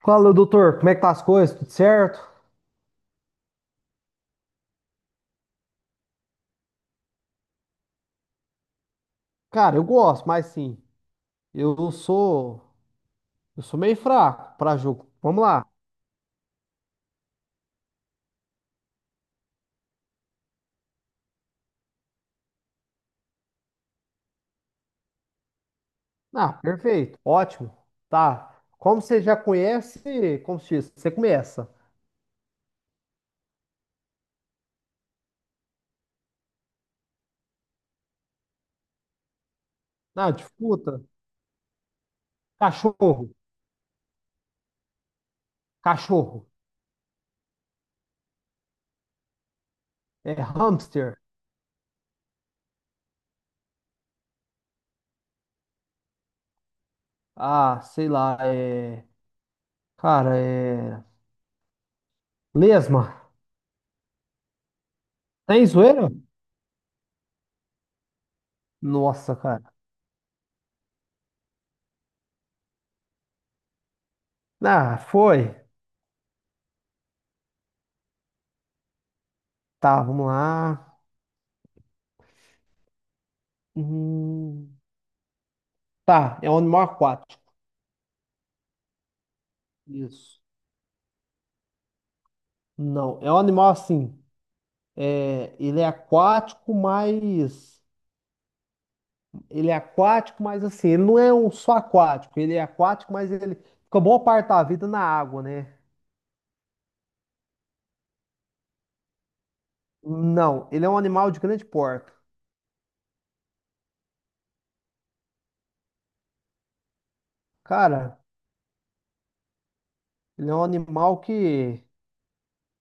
Fala, doutor, como é que tá as coisas? Tudo certo? Cara, eu gosto, mas sim, eu sou, eu sou meio fraco para jogo. Vamos lá. Ah, perfeito, ótimo. Tá. Como você já conhece, como se diz, você começa. Ah, disputa. Cachorro, cachorro. É hamster. Ah, sei lá, cara, é lesma. Tem zoeira? Nossa, cara. Ah, foi. Tá, vamos lá. Hum, tá, é um animal aquático. Isso. Não, é um animal assim. É, ele é aquático, mas. Ele é aquático, mas assim, ele não é um só aquático. Ele é aquático, mas ele fica boa parte da vida na água, né? Não, ele é um animal de grande porte. Cara, ele é um animal que,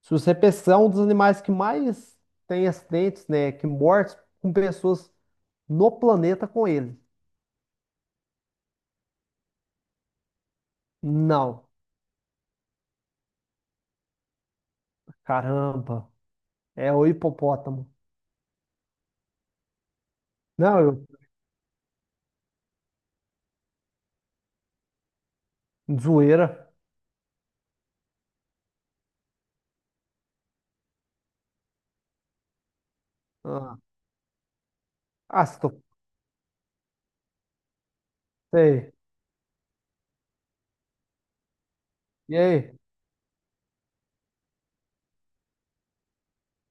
se você pensar, é um dos animais que mais tem acidentes, né? Que mortes com pessoas no planeta com ele. Não, caramba, é o hipopótamo. Não, zoeira. Ah, ah, se tô. Sei. E aí?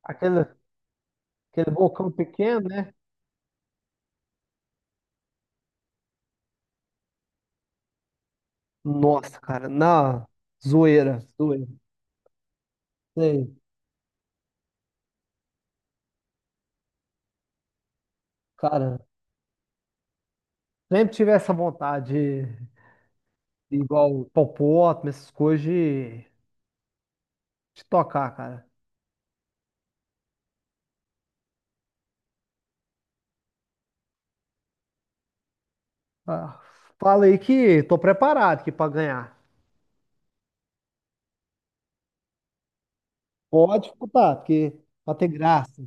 Aquele, aquele bocão pequeno, né? Nossa, cara, na zoeira, zoeira. Sei. Cara, sempre tive essa vontade, igual popó, essas coisas, de tocar, cara. Ah, fala aí que tô preparado aqui pra ganhar. Pode disputar, porque pra ter graça.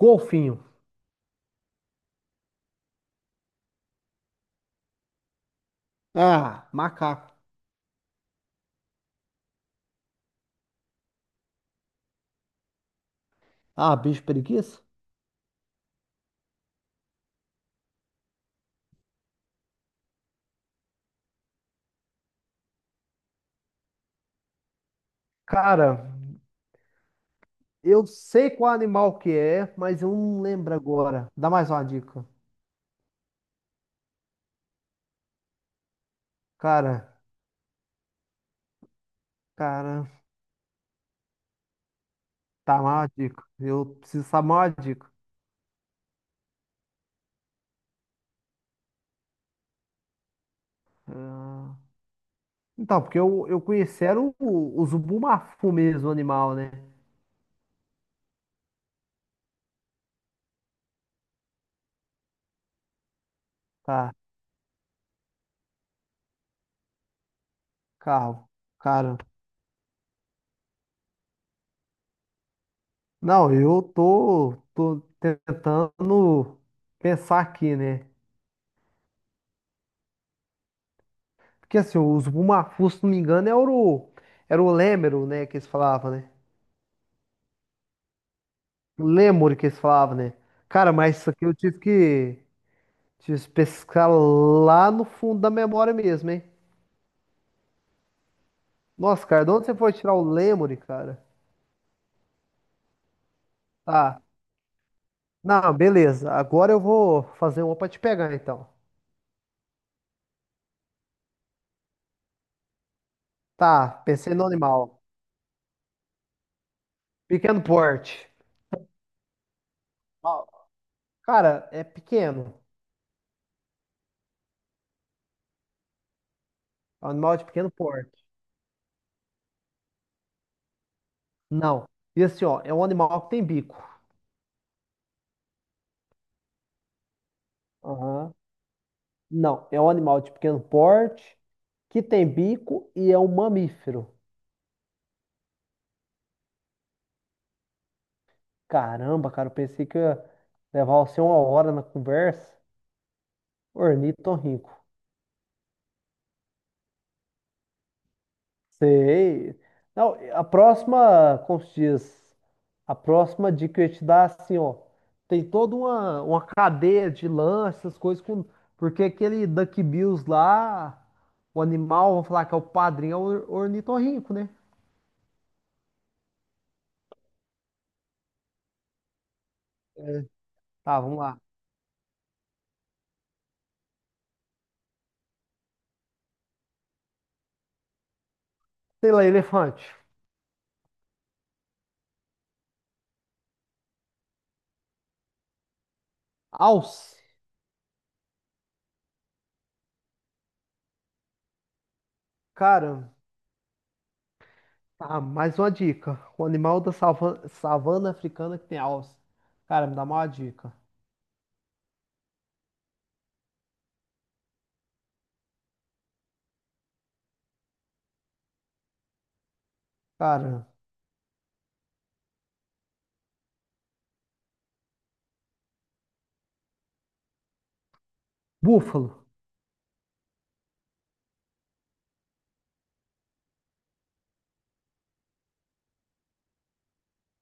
Golfinho. Ah, macaco. Ah, bicho preguiça? Cara, eu sei qual animal que é, mas eu não lembro agora. Dá mais uma dica. Cara. Cara, tá mal a dica. Eu preciso saber mal a dica. Ah, então, porque eu conheci era o Zubumafu mesmo, o animal, né? Tá, carro. Cara, não, tô tentando pensar aqui, né? Porque assim, o Zubumafu, se não me engano, era o Lêmero, né? Que eles falavam, né? O que eles falavam, né? Cara, mas isso aqui tive que pescar lá no fundo da memória mesmo, hein? Nossa, cara, de onde você foi tirar o Lemuri, cara? Tá. Não, beleza. Agora eu vou fazer uma pra te pegar, então. Tá, pensei no animal. Pequeno porte. Ó, cara, é pequeno. É um animal de pequeno porte. Não. E assim, ó, é um animal que tem bico. Aham. Não, é um animal de pequeno porte que tem bico e é um mamífero. Caramba, cara, eu pensei que ia levar você uma hora na conversa. Ornitorrinco. Sei. Não, a próxima, como se diz, a próxima dica que eu ia te dar, assim, ó, tem toda uma cadeia de lances, essas coisas, com, porque aquele Duck Bills lá, o animal, vamos falar que é o padrinho, é o ornitorrinco, né? É. Tá, vamos lá. Sei lá, elefante. Alce. Cara, tá, mais uma dica. O animal da savana africana que tem alce. Cara, me dá uma dica. Cara, búfalo.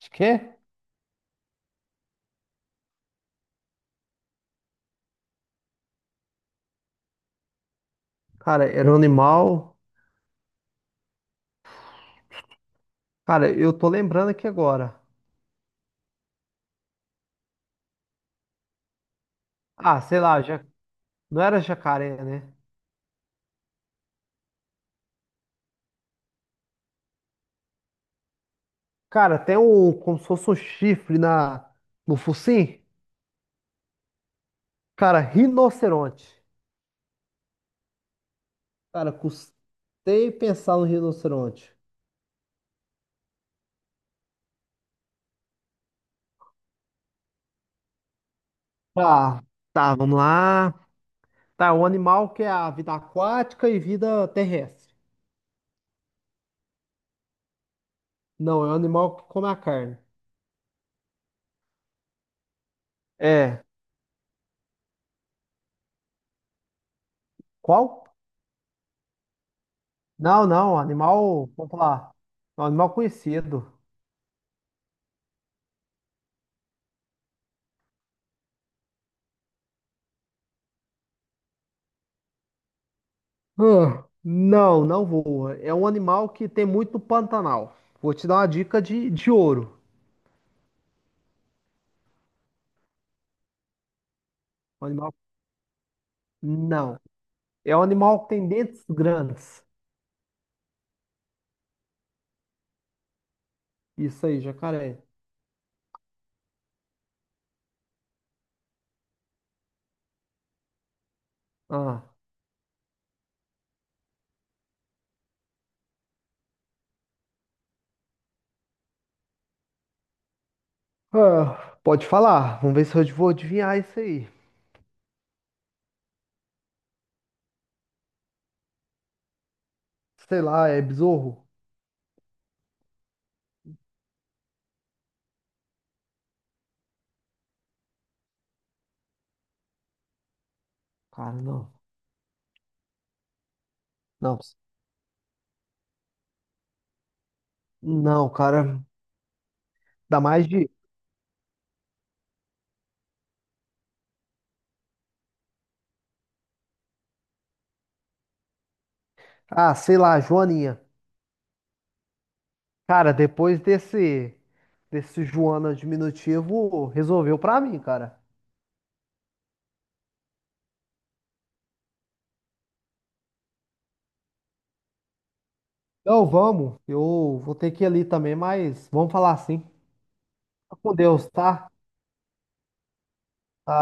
Acho que é? Cara, era um animal. Cara, eu tô lembrando aqui agora. Ah, sei lá, já... não era jacaré, né? Cara, tem um. Como se fosse um chifre na... no focinho. Cara, rinoceronte. Cara, custei pensar no rinoceronte. Tá, tá, vamos lá. Tá, um animal que é a vida aquática e vida terrestre. Não, é um animal que come a carne. É. Qual? Não, não, animal. Vamos lá. É um animal conhecido. Ah, não, não voa. É um animal que tem muito no Pantanal. Vou te dar uma dica de ouro. Um animal... Não. É um animal que tem dentes grandes. Isso aí, jacaré. Ah. Ah, pode falar. Vamos ver se eu vou adivinhar isso aí. Sei lá, é besouro? Cara, não. Não, não, cara. Dá mais de. Ah, sei lá, Joaninha. Cara, depois desse. Desse Joana diminutivo, resolveu pra mim, cara. Não, vamos. Eu vou ter que ir ali também, mas vamos falar assim. Fica com Deus, tá? Tá.